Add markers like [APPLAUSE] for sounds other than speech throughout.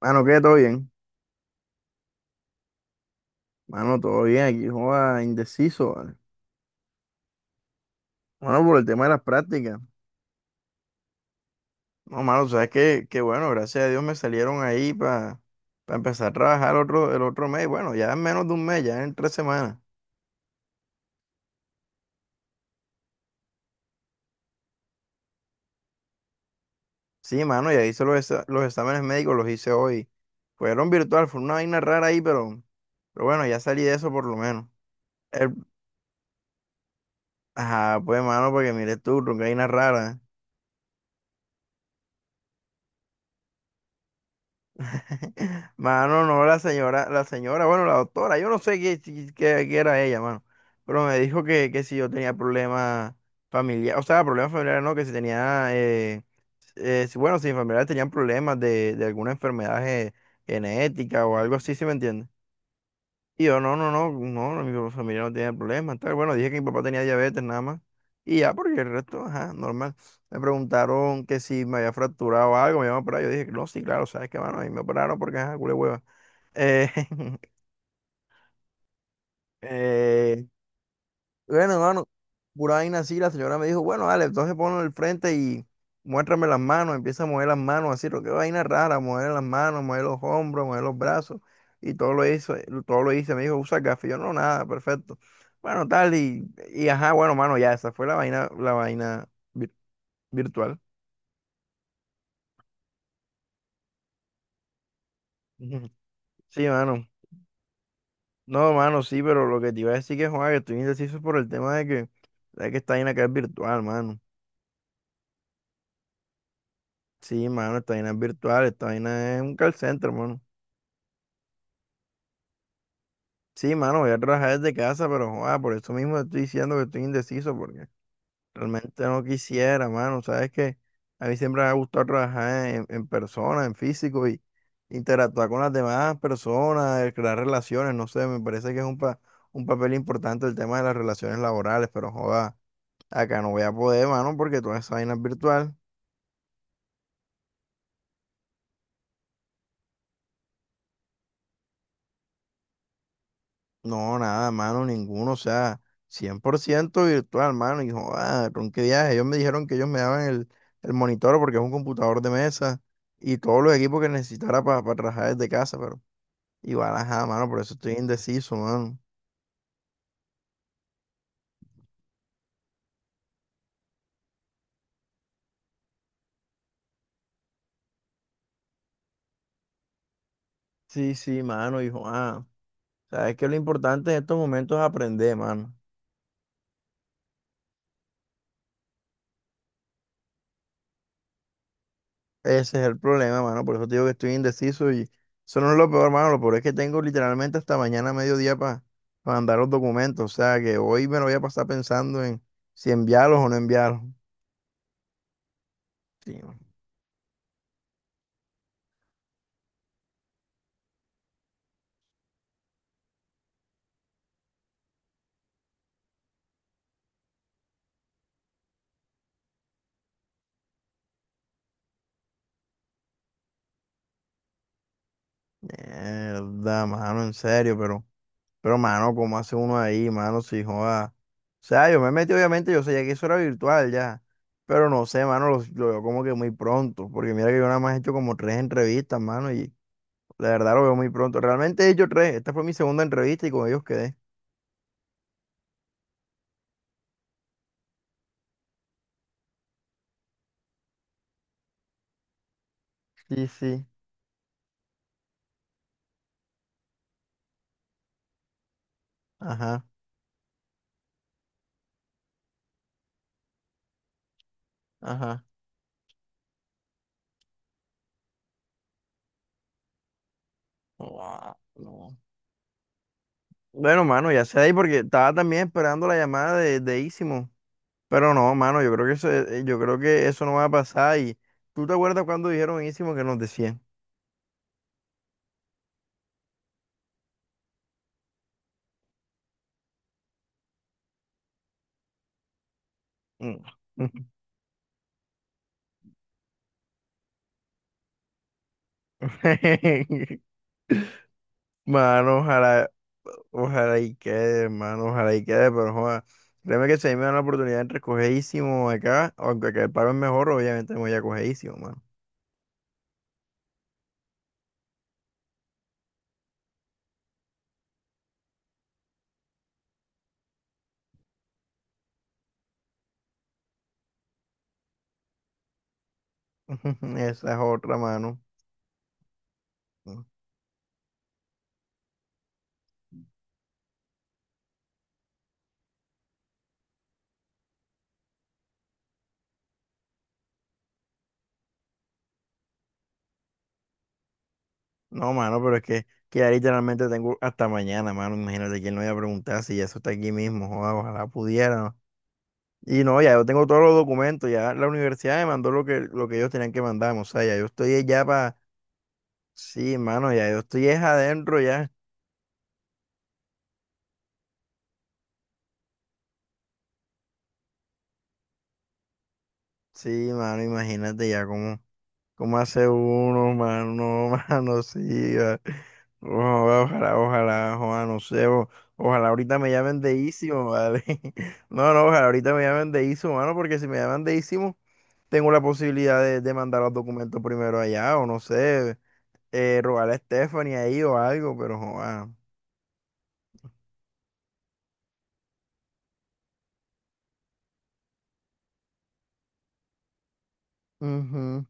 Mano, ¿qué? ¿Todo bien? Mano, todo bien. Aquí, joda, indeciso, ¿vale? Bueno, por el tema de las prácticas. No, mano, sabes que bueno, gracias a Dios me salieron ahí para empezar a trabajar el otro mes. Bueno, ya en menos de un mes, ya en 3 semanas. Sí, mano, ya hice los exámenes médicos, los hice hoy. Fueron virtual, fue una vaina rara ahí, pero bueno, ya salí de eso por lo menos. El- ajá, pues, mano, porque mire tú, una vaina rara. [LAUGHS] Mano, no, la señora, bueno, la doctora, yo no sé qué, si, qué era ella, mano, pero me dijo que si yo tenía problemas familiares, o sea, problemas familiares no, que si tenía, bueno, si mis familiares tenían problemas de alguna enfermedad genética o algo así, ¿sí me entiendes? Y yo, no, no, no, no, no, mi familia no tiene problemas, tal. Bueno, dije que mi papá tenía diabetes nada más. Y ya, porque el resto, ajá, normal. Me preguntaron que si me había fracturado algo, me iban a operar. Yo dije, no, sí, claro, sabes qué mano, y me operaron porque, ajá, culé hueva. Eh, [LAUGHS] eh, Bueno, hermano, pura vaina así, la señora me dijo, bueno, dale, entonces ponlo en el frente y muéstrame las manos, empieza a mover las manos, así, lo que vaina rara, mover las manos, mover los hombros, mover los brazos, y todo lo hizo, todo lo hice, me dijo, usa gafas, y yo, no, nada, perfecto. Bueno, tal, y ajá, bueno, mano, ya, esa fue la vaina, virtual. Ujú. Sí, mano. No, mano, sí, pero lo que te iba a decir que, Juan, que estoy indeciso por el tema de que esta vaina acá es virtual, mano. Sí, mano, esta vaina es virtual, esta vaina es un call center, mano. Sí, mano, voy a trabajar desde casa, pero joda, por eso mismo te estoy diciendo que estoy indeciso, porque realmente no quisiera, mano. Sabes que a mí siempre me ha gustado trabajar en persona, en físico y interactuar con las demás personas, crear relaciones. No sé, me parece que es un papel importante el tema de las relaciones laborales, pero joda, acá no voy a poder, mano, porque toda esa vaina es virtual. No, nada, mano, ninguno, o sea, 100% virtual, mano, y joder, con qué viaje. Ellos me dijeron que ellos me daban el monitor porque es un computador de mesa y todos los equipos que necesitara para trabajar desde casa, pero igual, ajá, mano, por eso estoy indeciso, mano. Sí, sí, mano, y joder, o sea, es que lo importante en estos momentos es aprender, mano. Ese es el problema, mano. Por eso te digo que estoy indeciso y eso no es lo peor, mano. Lo peor es que tengo literalmente hasta mañana a mediodía para mandar los documentos. O sea, que hoy me lo voy a pasar pensando en si enviarlos o no enviarlos. Sí, man. Mierda, mano, en serio, pero, mano, ¿cómo hace uno ahí, mano? Si joda. O sea, yo me metí, obviamente, yo sabía que eso era virtual ya. Pero no sé, mano, lo veo como que muy pronto. Porque mira que yo nada más he hecho como tres entrevistas, mano, y la verdad lo veo muy pronto. Realmente ellos tres, esta fue mi segunda entrevista y con ellos quedé. Sí, sí. Ajá, ajá. Guau, no. Bueno, mano, ya sé ahí porque estaba también esperando la llamada de Ísimo. Pero no, mano, yo creo que eso no va a pasar. Y tú te acuerdas cuando dijeron Ísimo que nos decían. Mm. [LAUGHS] Mano, ojalá, ojalá y quede, mano, ojalá y quede, pero joda. Créeme que si a mí me dan la oportunidad entre cogeísimo acá, aunque acá el pago es mejor, obviamente me voy a cogeísimo, mano. [LAUGHS] Esa es otra mano. No, mano, pero es que ya literalmente tengo hasta mañana, mano. Imagínate quién lo iba a preguntar si eso está aquí mismo. Joda, ojalá pudiera. ¿No? Y no, ya yo tengo todos los documentos. Ya la universidad me mandó lo que ellos tenían que mandarme. O sea, ya yo estoy ya para. Sí, mano, ya yo estoy es adentro ya. Sí, mano, imagínate ya cómo. ¿Cómo hace uno, mano? [LAUGHS] Mano, sí. Va. Ojalá, ojalá, ojalá, ojalá, no sé. Ojalá ahorita me llamen de Isimo, ¿vale? [LAUGHS] No, no, ojalá ahorita me llamen de Isimo, mano, porque si me llaman de Isimo, tengo la posibilidad de mandar los documentos primero allá, o no sé, rogarle a Stephanie ahí o algo, pero joda joder.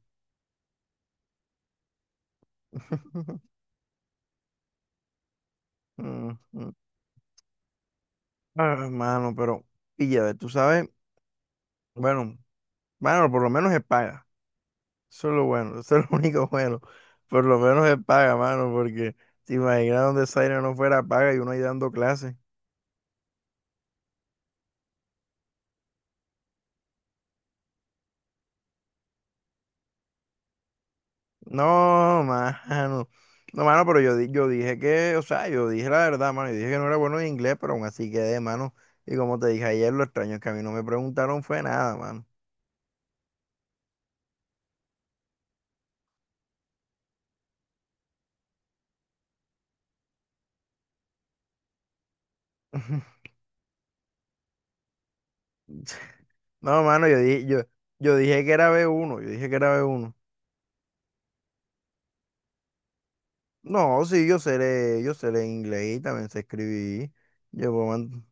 [LAUGHS] Ah, mano, pero, pilla, tú sabes, bueno, mano, por lo menos es paga. Eso es lo bueno, [LAUGHS] eso es lo único bueno. Por lo menos es paga, mano, porque te imaginas donde Zaire no fuera paga y uno ahí dando clases. No, mano. No, mano, pero yo dije que, o sea, yo dije la verdad, mano. Yo dije que no era bueno en inglés, pero aún así quedé, mano. Y como te dije ayer, lo extraño es que a mí no me preguntaron fue nada, mano. [LAUGHS] No, mano, yo dije, yo dije que era B1, yo dije que era b uno. No, sí, yo sé leer inglés y también sé escribir. Yo puedo...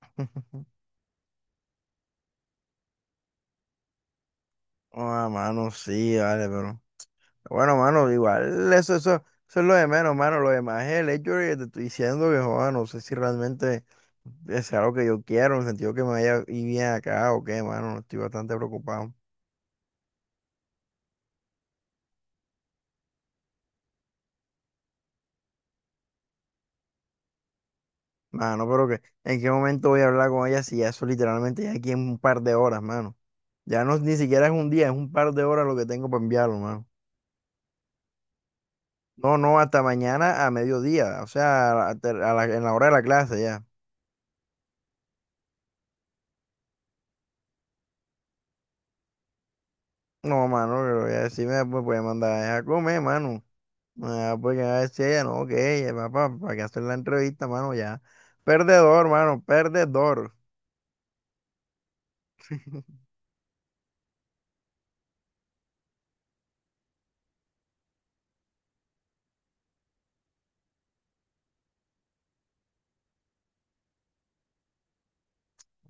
[LAUGHS] Ah, mano, sí, vale, pero. Bueno, mano, igual, eso es lo de menos, mano. Lo demás es el hecho de que te estoy diciendo que, joder, no sé si realmente es algo que yo quiero, en el sentido que me vaya y bien acá o qué, mano. Estoy bastante preocupado. Mano, pero que, ¿en qué momento voy a hablar con ella si ya eso literalmente ya aquí en un par de horas, mano? Ya no, ni siquiera es un día, es un par de horas lo que tengo para enviarlo, mano. No, no, hasta mañana a mediodía, o sea, en la hora de la clase ya. No, mano, pero ella sí me puede mandar a ella a comer, mano. Ah, porque a decir ella, no, que ella, papá, para que hacer la entrevista, mano, ya. Perdedor, mano, perdedor. [LAUGHS]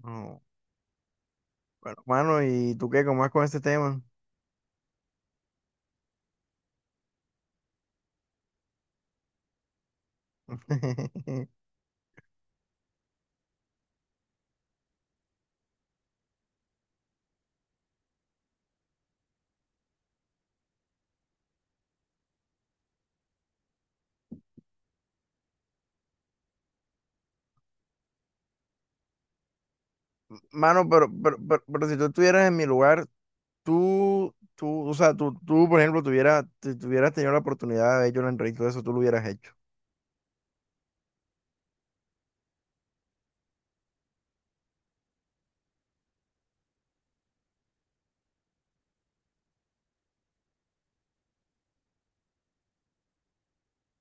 No, bueno, mano, ¿y tú qué? ¿Cómo vas con ese tema? [LAUGHS] Mano, pero, si tú estuvieras en mi lugar, tú, o sea, tú, por ejemplo, tuvieras, si tuvieras tenido la oportunidad de haber hecho una entrevista de eso, tú lo hubieras hecho.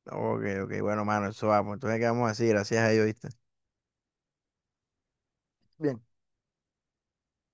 Ok, ok, bueno, mano, eso vamos. Entonces, ¿qué vamos a decir? Gracias a Dios, ¿viste? Bien.